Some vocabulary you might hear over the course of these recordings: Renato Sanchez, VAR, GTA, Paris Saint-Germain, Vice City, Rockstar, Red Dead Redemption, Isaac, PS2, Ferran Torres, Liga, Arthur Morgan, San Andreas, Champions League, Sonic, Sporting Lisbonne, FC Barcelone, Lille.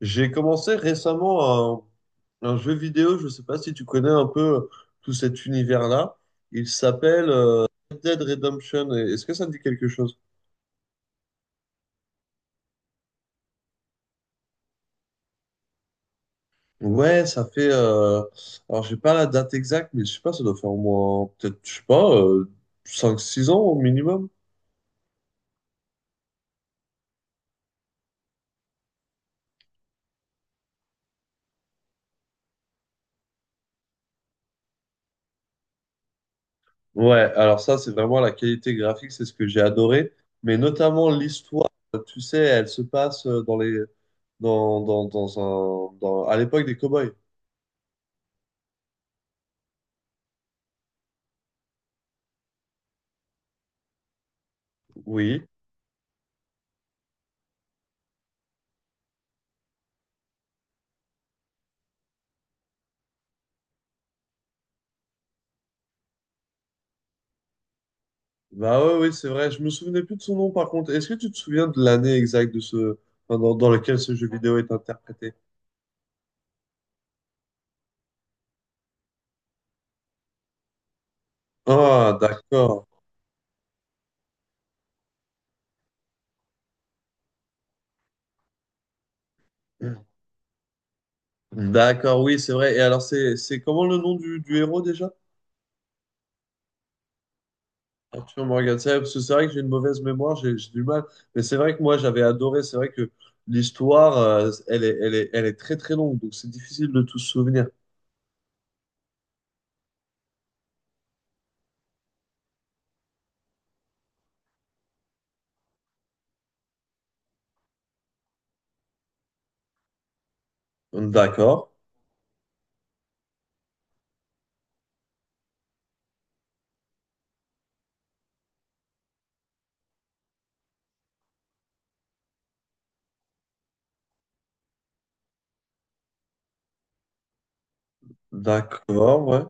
J'ai commencé récemment un jeu vidéo, je ne sais pas si tu connais un peu tout cet univers-là. Il s'appelle Red Dead Redemption. Est-ce que ça te dit quelque chose? Ouais, ça fait... alors, j'ai pas la date exacte, mais je sais pas, ça doit faire au moins, peut-être, je sais pas, 5, 6 ans au minimum. Ouais, alors ça, c'est vraiment la qualité graphique, c'est ce que j'ai adoré. Mais notamment l'histoire, tu sais, elle se passe dans les... Dans, dans, dans un, dans, à l'époque des cow-boys. Oui. Bah ouais, oui, c'est vrai. Je me souvenais plus de son nom, par contre. Est-ce que tu te souviens de l'année exacte de ce... enfin, dans, dans lequel ce jeu vidéo est interprété? Ah, d'accord. D'accord, oui, c'est vrai. Et alors, c'est comment le nom du héros déjà? Arthur Morgan. C'est parce que c'est vrai que j'ai une mauvaise mémoire, j'ai du mal. Mais c'est vrai que moi, j'avais adoré. C'est vrai que l'histoire, elle est très très longue, donc c'est difficile de tout se souvenir. D'accord, d'accord, ouais.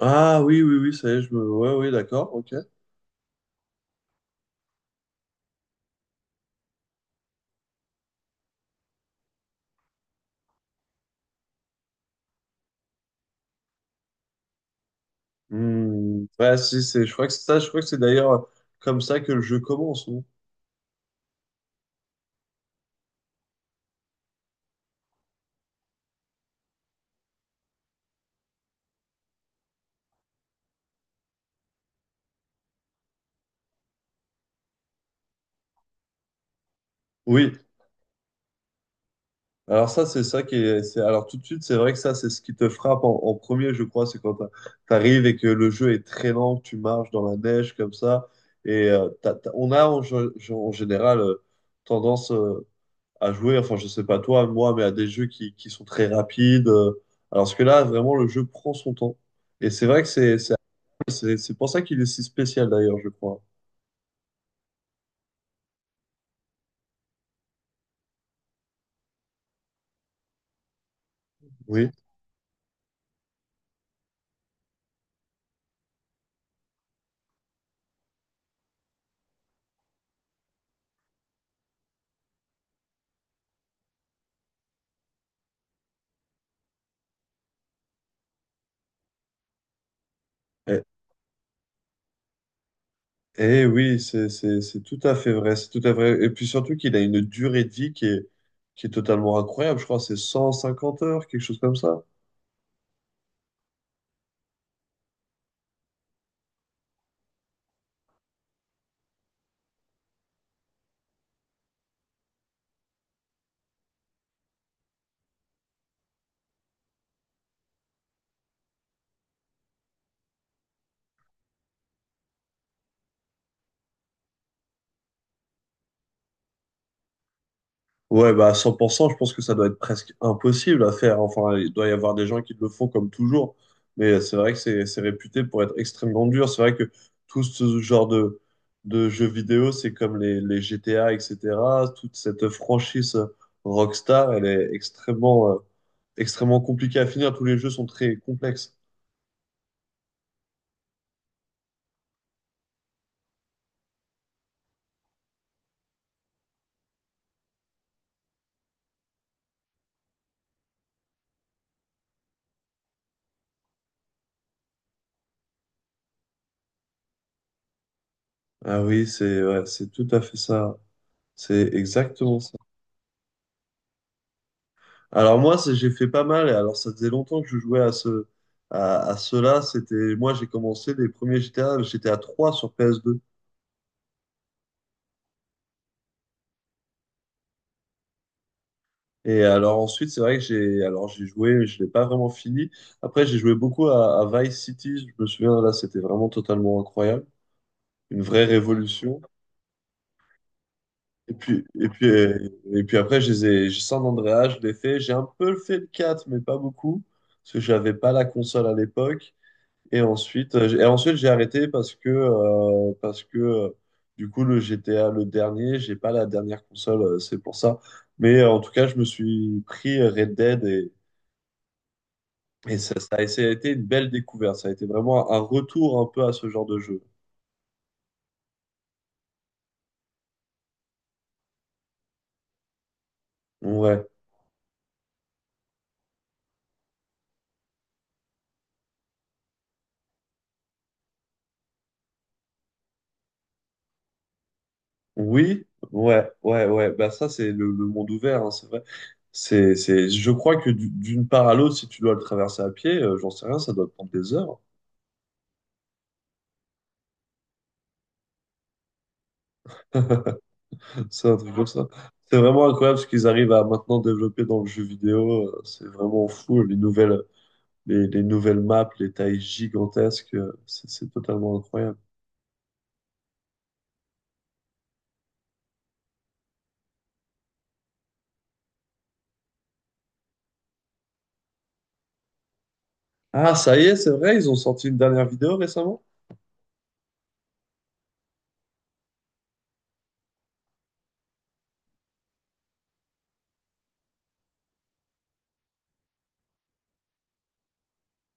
Ah oui, oui, oui, ça y est, je me... Ouais, oui, d'accord, ok. Hmm, ouais, si, c'est, je crois que c'est ça, je crois que c'est d'ailleurs comme ça que le jeu commence, non? Oui, alors ça, c'est ça qui est, c'est, alors tout de suite, c'est vrai que ça, c'est ce qui te frappe en premier, je crois, c'est quand t'arrives et que le jeu est très lent, que tu marches dans la neige comme ça, et on a en général tendance à jouer, enfin, je sais pas toi, moi, mais à des jeux qui sont très rapides, alors que là, vraiment, le jeu prend son temps, et c'est vrai que c'est pour ça qu'il est si spécial d'ailleurs, je crois. Oui. Eh oui, c'est tout à fait vrai, c'est tout à fait vrai. Et puis surtout qu'il a une durée de vie qui est totalement incroyable. Je crois que c'est 150 heures, quelque chose comme ça. Ouais, bah à 100%. Je pense que ça doit être presque impossible à faire. Enfin, il doit y avoir des gens qui le font comme toujours. Mais c'est vrai que c'est réputé pour être extrêmement dur. C'est vrai que tout ce genre de jeux vidéo, c'est comme les GTA, etc. Toute cette franchise Rockstar, elle est extrêmement, extrêmement compliquée à finir. Tous les jeux sont très complexes. Ah oui, c'est ouais, c'est tout à fait ça. C'est exactement ça. Alors moi, j'ai fait pas mal. Et alors ça faisait longtemps que je jouais à cela. C'était moi, j'ai commencé les premiers GTA. J'étais à 3 sur PS2. Et alors ensuite, c'est vrai que j'ai joué, mais je l'ai pas vraiment fini. Après, j'ai joué beaucoup à Vice City. Je me souviens là, c'était vraiment totalement incroyable, une vraie révolution. Et puis, et puis, euh, et puis après, j'ai San Andreas, je l'ai fait. J'ai un peu fait le 4 mais pas beaucoup, parce que j'avais pas la console à l'époque. Et ensuite, et ensuite j'ai arrêté parce que, du coup, le GTA, le dernier, j'ai pas la dernière console, c'est pour ça. Mais en tout cas, je me suis pris Red Dead et ça a été une belle découverte. Ça a été vraiment un retour un peu à ce genre de jeu. Ouais. Oui, ouais, ouais, ouais. Bah ça, c'est le monde ouvert, hein, c'est vrai. Je crois que d'une part à l'autre, si tu dois le traverser à pied, j'en sais rien, ça doit prendre des heures. C'est un truc comme ça. C'est vraiment incroyable ce qu'ils arrivent à maintenant développer dans le jeu vidéo. C'est vraiment fou. Les nouvelles maps, les tailles gigantesques, c'est totalement incroyable. Ah, ça y est, c'est vrai, ils ont sorti une dernière vidéo récemment.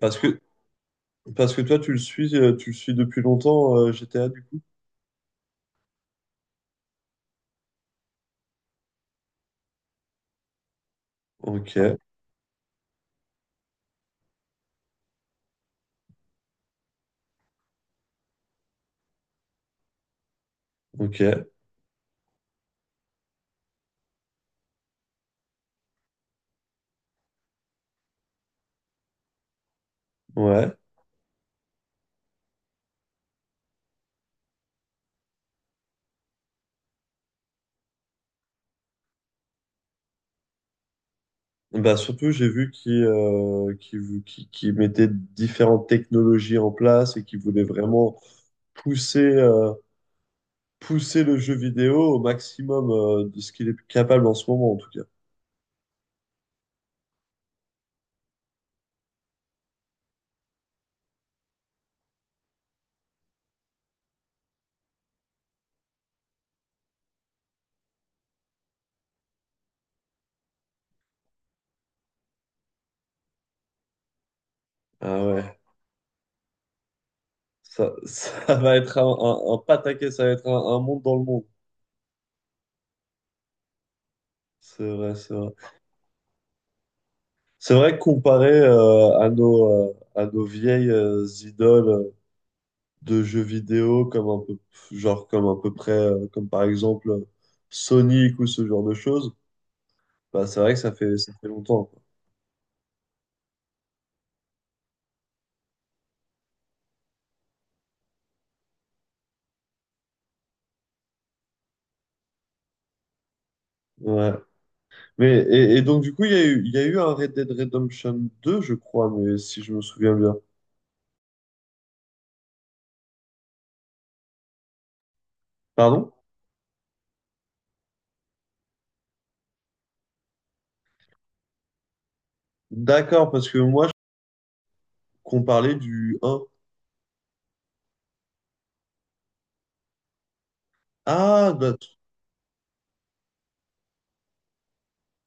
Parce que, parce que toi, tu le suis depuis longtemps, GTA, du coup. Ok, ok, ouais. Bah surtout, j'ai vu qu'ils mettaient différentes technologies en place et qu'ils voulaient vraiment pousser, euh, pousser le jeu vidéo au maximum de ce qu'il est capable en ce moment, en tout cas. Ah ouais, ça va être un pataquès, ça va être un monde dans le monde. C'est vrai, c'est vrai. C'est vrai que comparé à nos vieilles idoles de jeux vidéo, comme un peu, genre comme à peu près, comme par exemple Sonic ou ce genre de choses, bah, c'est vrai que ça fait longtemps, quoi. Ouais. Mais, et donc, du coup, il y a eu un Red Dead Redemption 2 je crois, mais si je me souviens bien. Pardon? D'accord, parce que moi, qu'on parlait du un. Ah, bah, tu-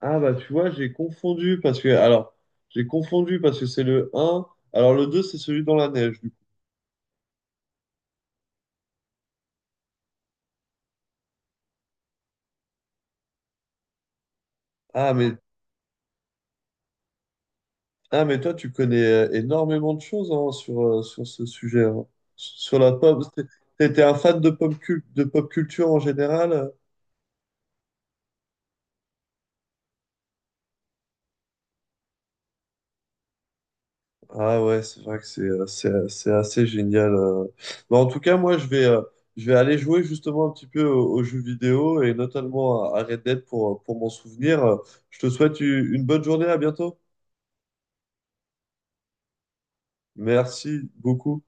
ah, bah tu vois, j'ai confondu, parce que, alors, j'ai confondu, parce que c'est le un. Alors, le 2 c'est celui dans la neige, du coup. Ah, mais, ah, mais toi, tu connais énormément de choses hein, sur ce sujet, hein. Sur la pop. T'étais un fan de pop culture en général? Ah ouais, c'est vrai que c'est assez génial. Mais en tout cas, moi, je vais aller jouer justement un petit peu aux jeux vidéo et notamment à Red Dead pour m'en souvenir. Je te souhaite une bonne journée, à bientôt. Merci beaucoup.